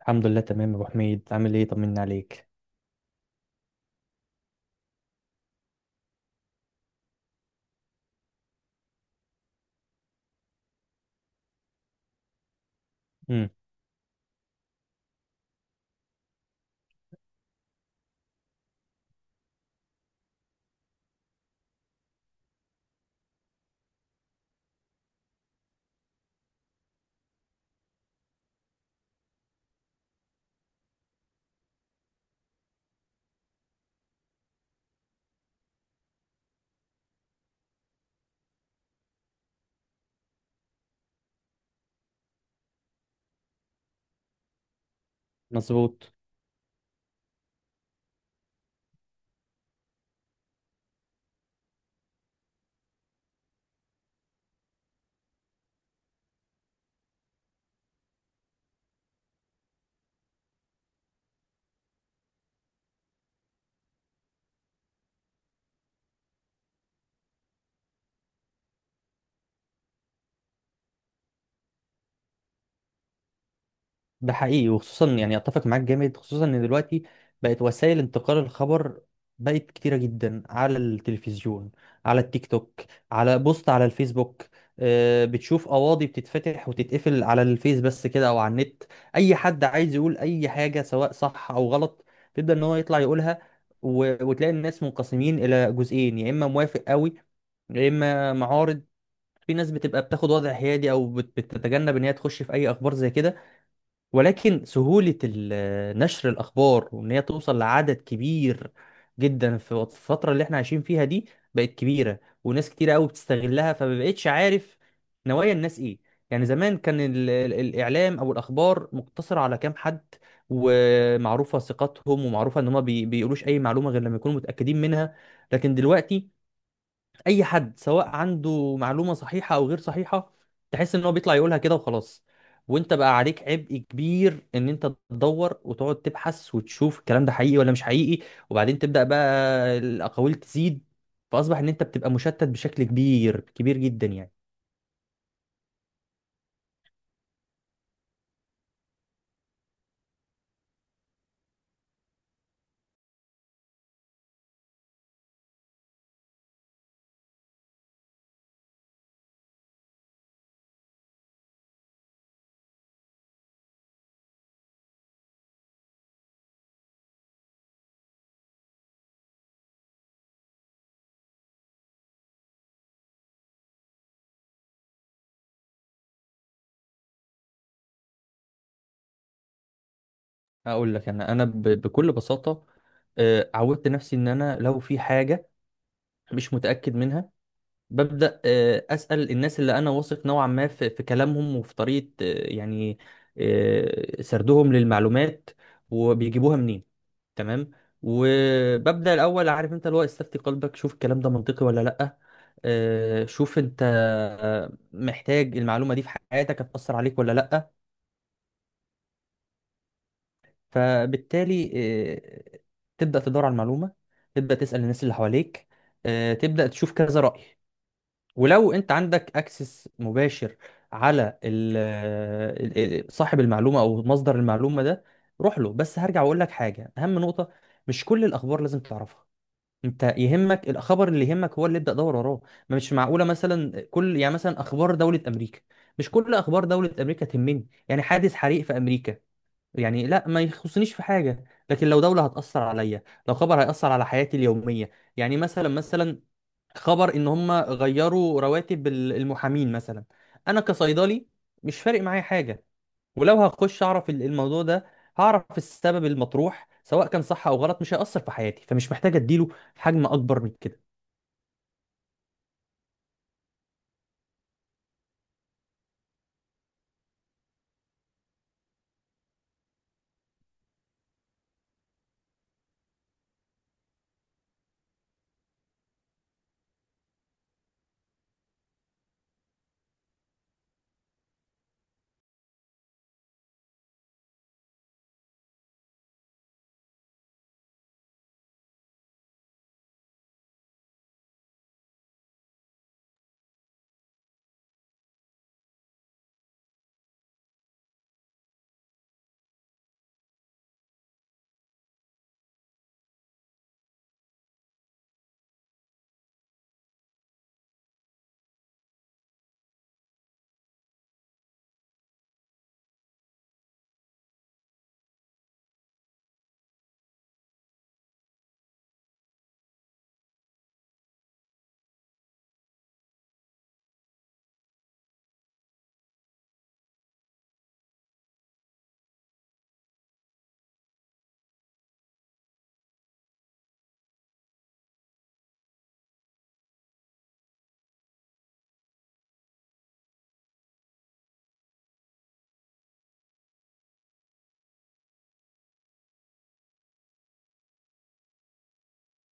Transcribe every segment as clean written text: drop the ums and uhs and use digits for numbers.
الحمد لله تمام يا ابو حميد، عامل ايه؟ طمني عليك. امم. مظبوط. ده حقيقي وخصوصا يعني اتفق معاك جامد، خصوصا ان دلوقتي بقت وسائل انتقال الخبر بقت كتيره جدا، على التلفزيون، على التيك توك، على بوست على الفيسبوك. بتشوف قواضي بتتفتح وتتقفل على الفيس بس كده او على النت. اي حد عايز يقول اي حاجه سواء صح او غلط تبدا ان هو يطلع يقولها، وتلاقي الناس منقسمين الى جزئين، يا اما موافق قوي يا اما معارض. في ناس بتبقى بتاخد وضع حيادي او بتتجنب ان هي تخش في اي اخبار زي كده. ولكن سهولة نشر الاخبار وان هي توصل لعدد كبير جدا في الفترة اللي احنا عايشين فيها دي بقت كبيرة، وناس كتيرة قوي بتستغلها، فما بقتش عارف نوايا الناس ايه. يعني زمان كان الاعلام او الاخبار مقتصرة على كام حد، ومعروفة ثقتهم ومعروفة ان هم بيقولوش اي معلومة غير لما يكونوا متأكدين منها. لكن دلوقتي اي حد سواء عنده معلومه صحيحه او غير صحيحه تحس ان هو بيطلع يقولها كده وخلاص. وانت بقى عليك عبء كبير ان انت تدور وتقعد تبحث وتشوف الكلام ده حقيقي ولا مش حقيقي، وبعدين تبدا بقى الاقاويل تزيد، فاصبح ان انت بتبقى مشتت بشكل كبير كبير جدا يعني. اقول لك، انا بكل بساطه، عودت نفسي ان انا لو في حاجه مش متاكد منها ببدأ أسأل الناس اللي أنا واثق نوعا ما في كلامهم، وفي طريقة يعني سردهم للمعلومات، وبيجيبوها منين. تمام. وببدأ الأول، عارف أنت، اللي هو استفتي قلبك، شوف الكلام ده منطقي ولا لأ. شوف أنت محتاج المعلومة دي في حياتك، هتأثر عليك ولا لأ. فبالتالي آه، تبدأ تدور على المعلومة، تبدأ تسأل الناس اللي حواليك، تبدأ تشوف كذا رأي. ولو انت عندك اكسس مباشر على ال- صاحب المعلومه او مصدر المعلومه ده، روح له. بس هرجع واقول لك حاجه، اهم نقطه، مش كل الاخبار لازم تعرفها. انت يهمك الخبر، اللي يهمك هو اللي ابدا دور وراه. ما مش معقوله مثلا كل يعني مثلا اخبار دوله امريكا. مش كل اخبار دوله امريكا تهمني. يعني حادث حريق في امريكا يعني لا، ما يخصنيش في حاجه. لكن لو دوله هتاثر عليا، لو خبر هياثر على حياتي اليوميه، يعني مثلا خبر ان هم غيروا رواتب المحامين مثلا، انا كصيدلي مش فارق معايا حاجه. ولو هخش اعرف الموضوع ده، هعرف السبب المطروح سواء كان صح او غلط، مش هيأثر في حياتي، فمش محتاج اديله حجم اكبر من كده.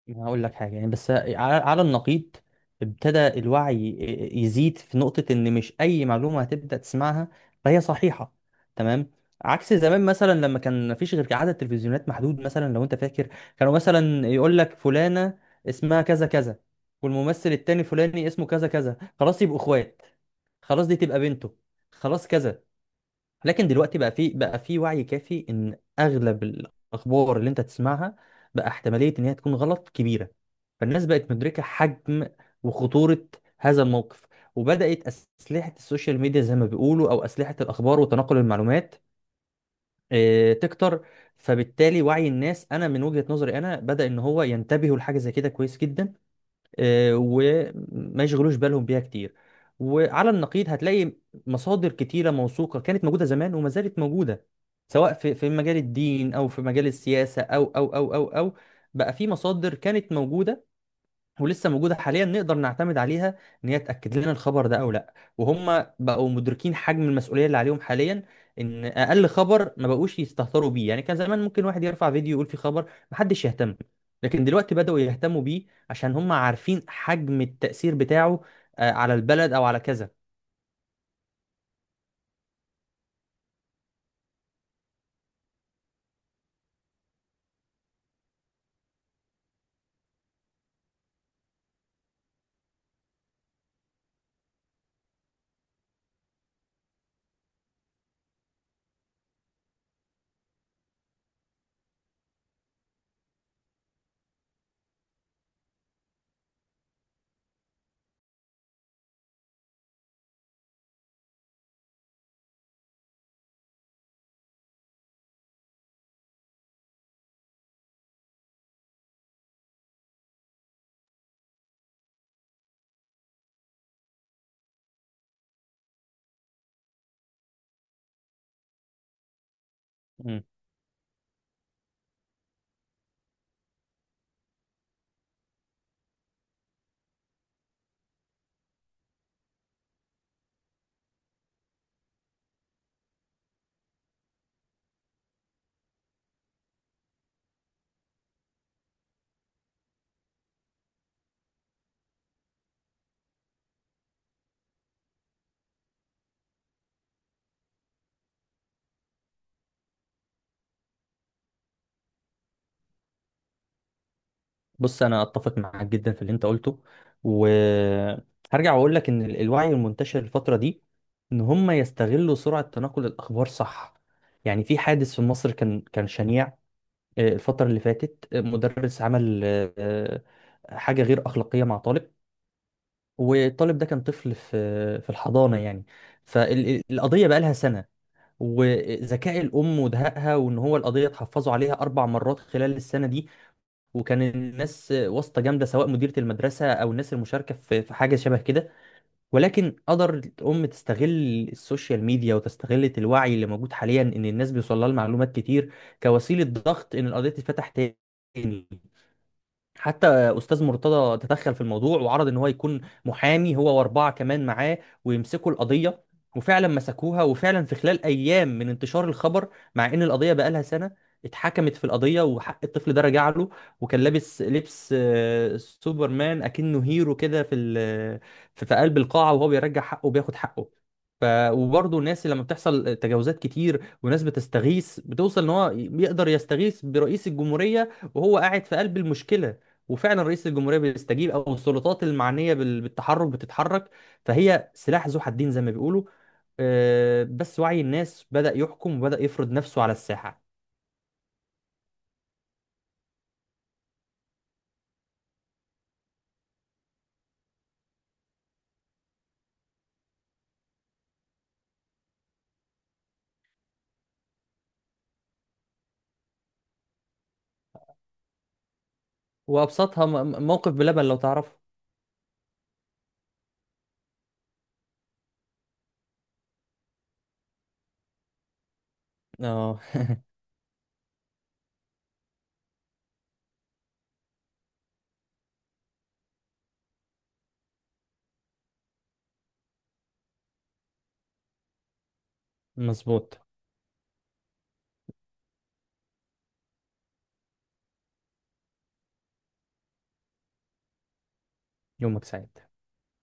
ما هقول لك حاجة يعني، بس على النقيض، ابتدى الوعي يزيد في نقطة إن مش أي معلومة هتبدأ تسمعها فهي صحيحة. تمام. عكس زمان مثلا لما كان مفيش غير عدد تلفزيونات محدود. مثلا لو أنت فاكر، كانوا مثلا يقول لك فلانة اسمها كذا كذا، والممثل التاني فلاني اسمه كذا كذا، خلاص يبقوا إخوات، خلاص دي تبقى بنته، خلاص كذا. لكن دلوقتي بقى في وعي كافي إن أغلب الأخبار اللي أنت تسمعها بقى احتمالية إن هي تكون غلط كبيرة. فالناس بقت مدركة حجم وخطورة هذا الموقف، وبدأت أسلحة السوشيال ميديا زي ما بيقولوا، أو أسلحة الأخبار وتناقل المعلومات تكتر. فبالتالي وعي الناس، أنا من وجهة نظري أنا، بدأ إن هو ينتبهوا لحاجة زي كده، كويس جدا، وما يشغلوش بالهم بيها كتير. وعلى النقيض هتلاقي مصادر كتيرة موثوقة كانت موجودة زمان وما زالت موجودة، سواء في مجال الدين أو في مجال السياسة أو بقى في مصادر كانت موجودة ولسه موجوده حاليا نقدر نعتمد عليها، ان هي تاكد لنا الخبر ده او لا. وهم بقوا مدركين حجم المسؤوليه اللي عليهم حاليا، ان اقل خبر ما بقوش يستهتروا بيه. يعني كان زمان ممكن واحد يرفع فيديو يقول فيه خبر، محدش يهتم. لكن دلوقتي بداوا يهتموا بيه، عشان هم عارفين حجم التاثير بتاعه على البلد او على كذا. بص، انا اتفق معاك جدا في اللي انت قلته، وهرجع واقول لك ان الوعي المنتشر الفتره دي ان هم يستغلوا سرعه تناقل الاخبار، صح. يعني في حادث في مصر كان شنيع، الفتره اللي فاتت، مدرس عمل حاجه غير اخلاقيه مع طالب. والطالب ده كان طفل في الحضانه يعني. فالقضيه بقى لها سنه، وذكاء الام ودهائها، وان هو القضيه اتحفظوا عليها 4 مرات خلال السنه دي. وكان الناس واسطة جامدة، سواء مديرة المدرسة أو الناس المشاركة في حاجة شبه كده. ولكن قدر الأم تستغل السوشيال ميديا وتستغل الوعي اللي موجود حاليا، إن الناس بيوصل لها المعلومات كتير، كوسيلة ضغط إن القضية تتفتح تاني. حتى استاذ مرتضى تدخل في الموضوع، وعرض ان هو يكون محامي هو واربعه كمان معاه ويمسكوا القضيه. وفعلا مسكوها، وفعلا في خلال ايام من انتشار الخبر، مع ان القضيه بقالها سنه، اتحكمت في القضيه وحق الطفل ده رجع له. وكان لابس لبس سوبرمان، اكنه هيرو كده في ال- في في قلب القاعه، وهو بيرجع حقه وبياخد حقه. ف وبرضه الناس اللي لما بتحصل تجاوزات كتير وناس بتستغيث، بتوصل ان هو يقدر يستغيث برئيس الجمهوريه وهو قاعد في قلب المشكله، وفعلا رئيس الجمهوريه بيستجيب، او السلطات المعنيه بالتحرك بتتحرك. فهي سلاح ذو حدين زي ما بيقولوا، بس وعي الناس بدأ يحكم وبدأ يفرض نفسه على الساحه. وابسطها موقف بلبن لو تعرفه. اه مظبوط. يومك سعيد.